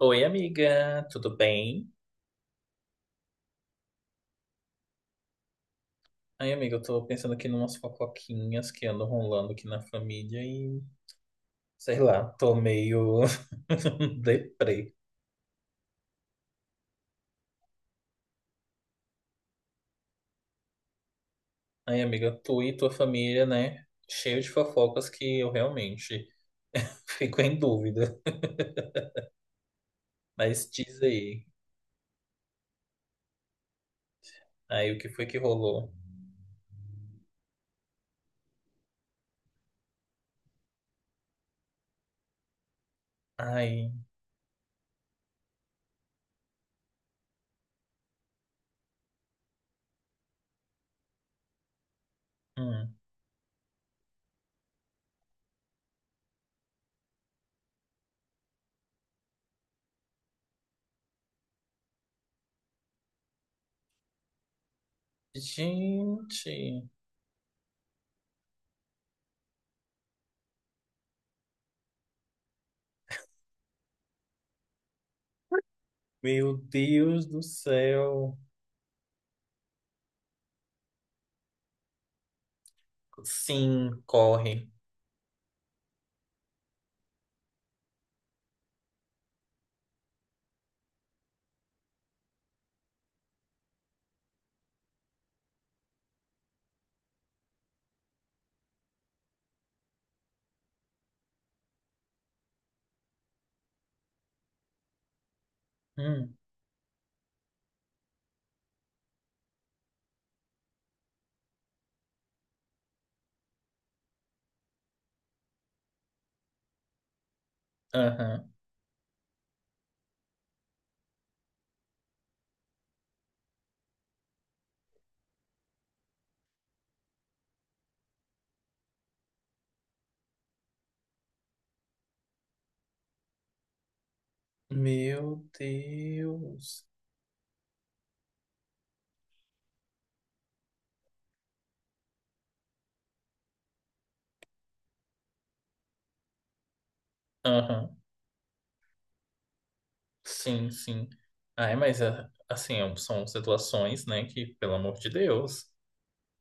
Oi, amiga, tudo bem? Ai, amiga, eu tô pensando aqui numas fofoquinhas que andam rolando aqui na família e, sei lá, tô meio deprê. Ai, amiga, tu e tua família, né? Cheio de fofocas que eu realmente fico em dúvida. Mas diz aí, aí o que foi que rolou? Ai, hum. Gente, meu Deus do céu. Sim, corre. Hum, aham. Meu Deus. Aham. Sim, sim. Ai, mas é, assim, são situações, né, que, pelo amor de Deus,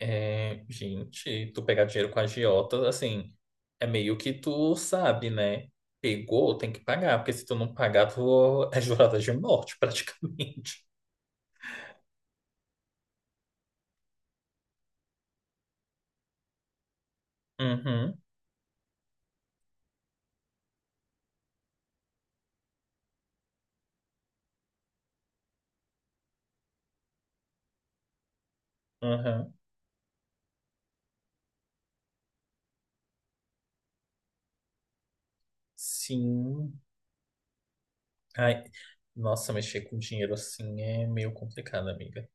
é, gente, tu pegar dinheiro com agiota, assim, é meio que tu sabe, né? Pegou, tem que pagar, porque se tu não pagar, tu é jurada de morte, praticamente. Uhum, uhum. Sim. Ai, nossa, mexer com dinheiro assim é meio complicado, amiga.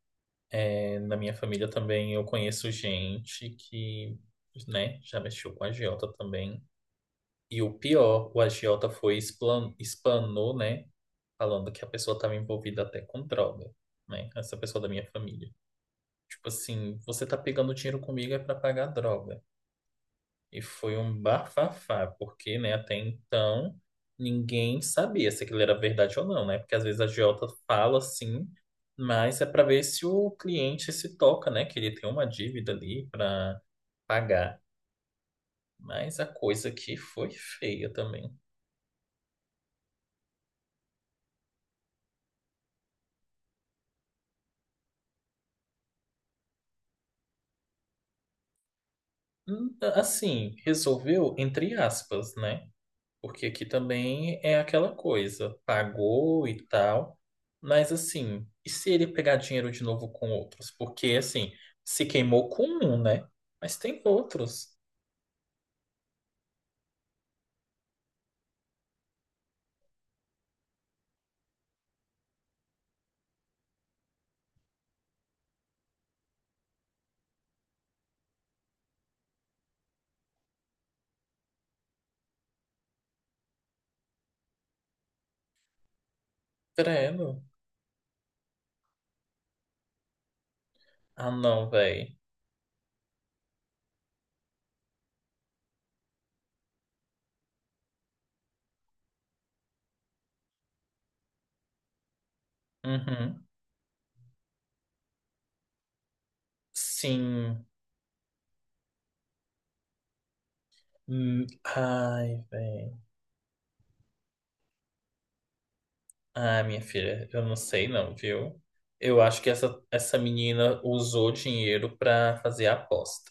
É, na minha família também eu conheço gente que, né, já mexeu com agiota também. E o pior, o agiota foi explanou, né, falando que a pessoa estava envolvida até com droga, né, essa pessoa da minha família. Tipo assim, você tá pegando dinheiro comigo é para pagar droga. E foi um bafafá, porque, né, até então ninguém sabia se aquilo era verdade ou não, né? Porque às vezes a agiota fala assim, mas é para ver se o cliente se toca, né? Que ele tem uma dívida ali para pagar. Mas a coisa aqui foi feia também. Hum. Assim, resolveu entre aspas, né? Porque aqui também é aquela coisa, pagou e tal, mas assim, e se ele pegar dinheiro de novo com outros? Porque assim, se queimou com um, né? Mas tem outros. Credo. Ah, não, véi. Uhum. Sim. Hum. Ai, véi. Ah, minha filha, eu não sei não, viu? Eu acho que essa menina usou dinheiro pra fazer a aposta.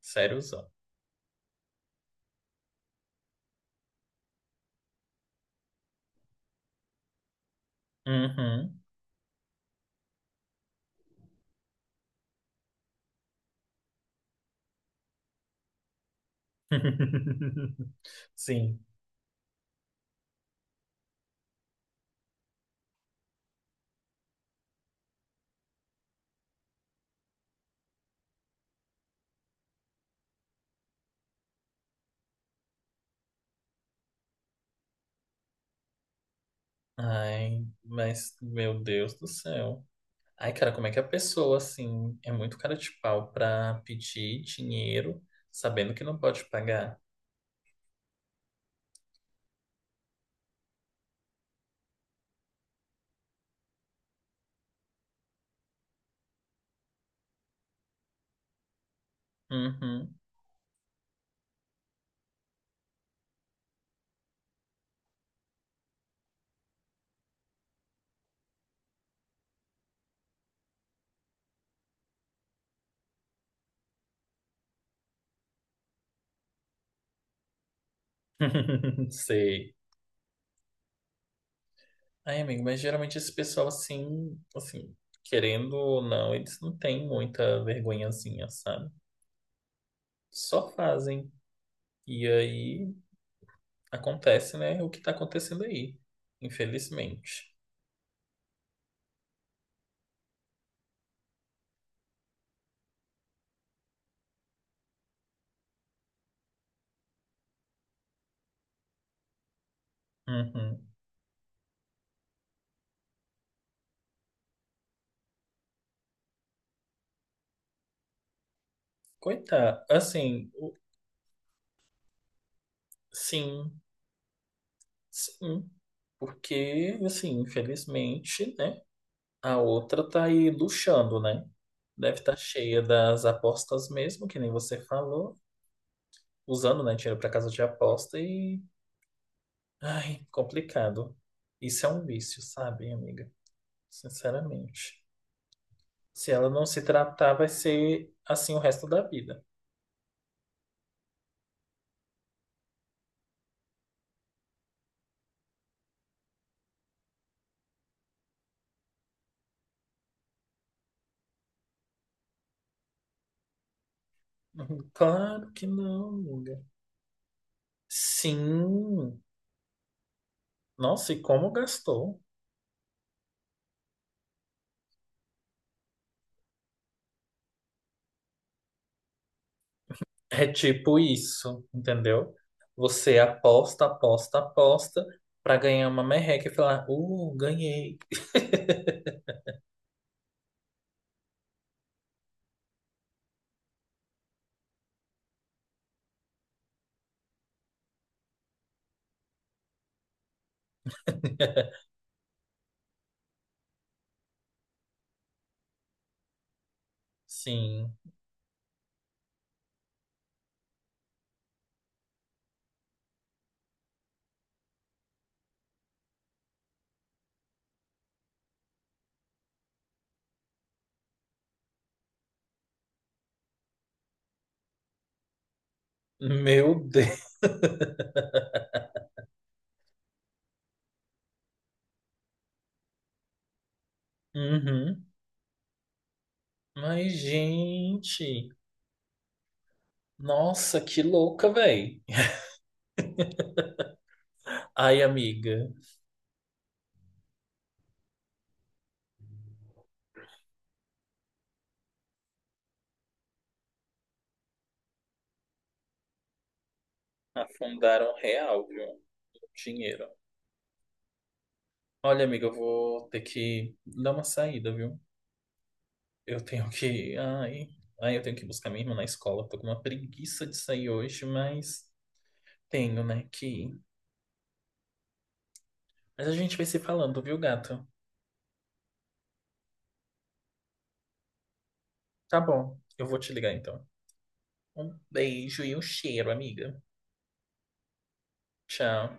Sériozão. Uhum. Sim. Ai, mas, meu Deus do céu. Ai, cara, como é que a pessoa, assim, é muito cara de pau pra pedir dinheiro sabendo que não pode pagar? Uhum. Sei. Ai, amigo, mas geralmente esse pessoal, assim, querendo ou não, eles não têm muita vergonhazinha, sabe? Só fazem. E aí acontece, né, o que tá acontecendo aí, infelizmente. Uhum. Coitado, assim, sim. Sim, porque, assim, infelizmente, né? A outra tá aí luxando, né? Deve estar cheia das apostas mesmo, que nem você falou, usando, né, dinheiro para casa de aposta e. Ai, complicado. Isso é um vício, sabe, amiga? Sinceramente. Se ela não se tratar, vai ser assim o resto da vida. Claro que não, amiga. Sim. Nossa, e como gastou? É tipo isso, entendeu? Você aposta, aposta, aposta pra ganhar uma merreca e falar, ganhei. Sim. Meu Deus. Uhum. Mas, gente, nossa, que louca, velho. Ai, amiga, afundaram real, viu? Dinheiro. Olha, amiga, eu vou ter que dar uma saída, viu? Eu tenho que. Ai, ai, eu tenho que buscar minha irmã na escola. Tô com uma preguiça de sair hoje, mas. Tenho, né? Que. Mas a gente vai se falando, viu, gato? Tá bom, eu vou te ligar então. Um beijo e um cheiro, amiga. Tchau.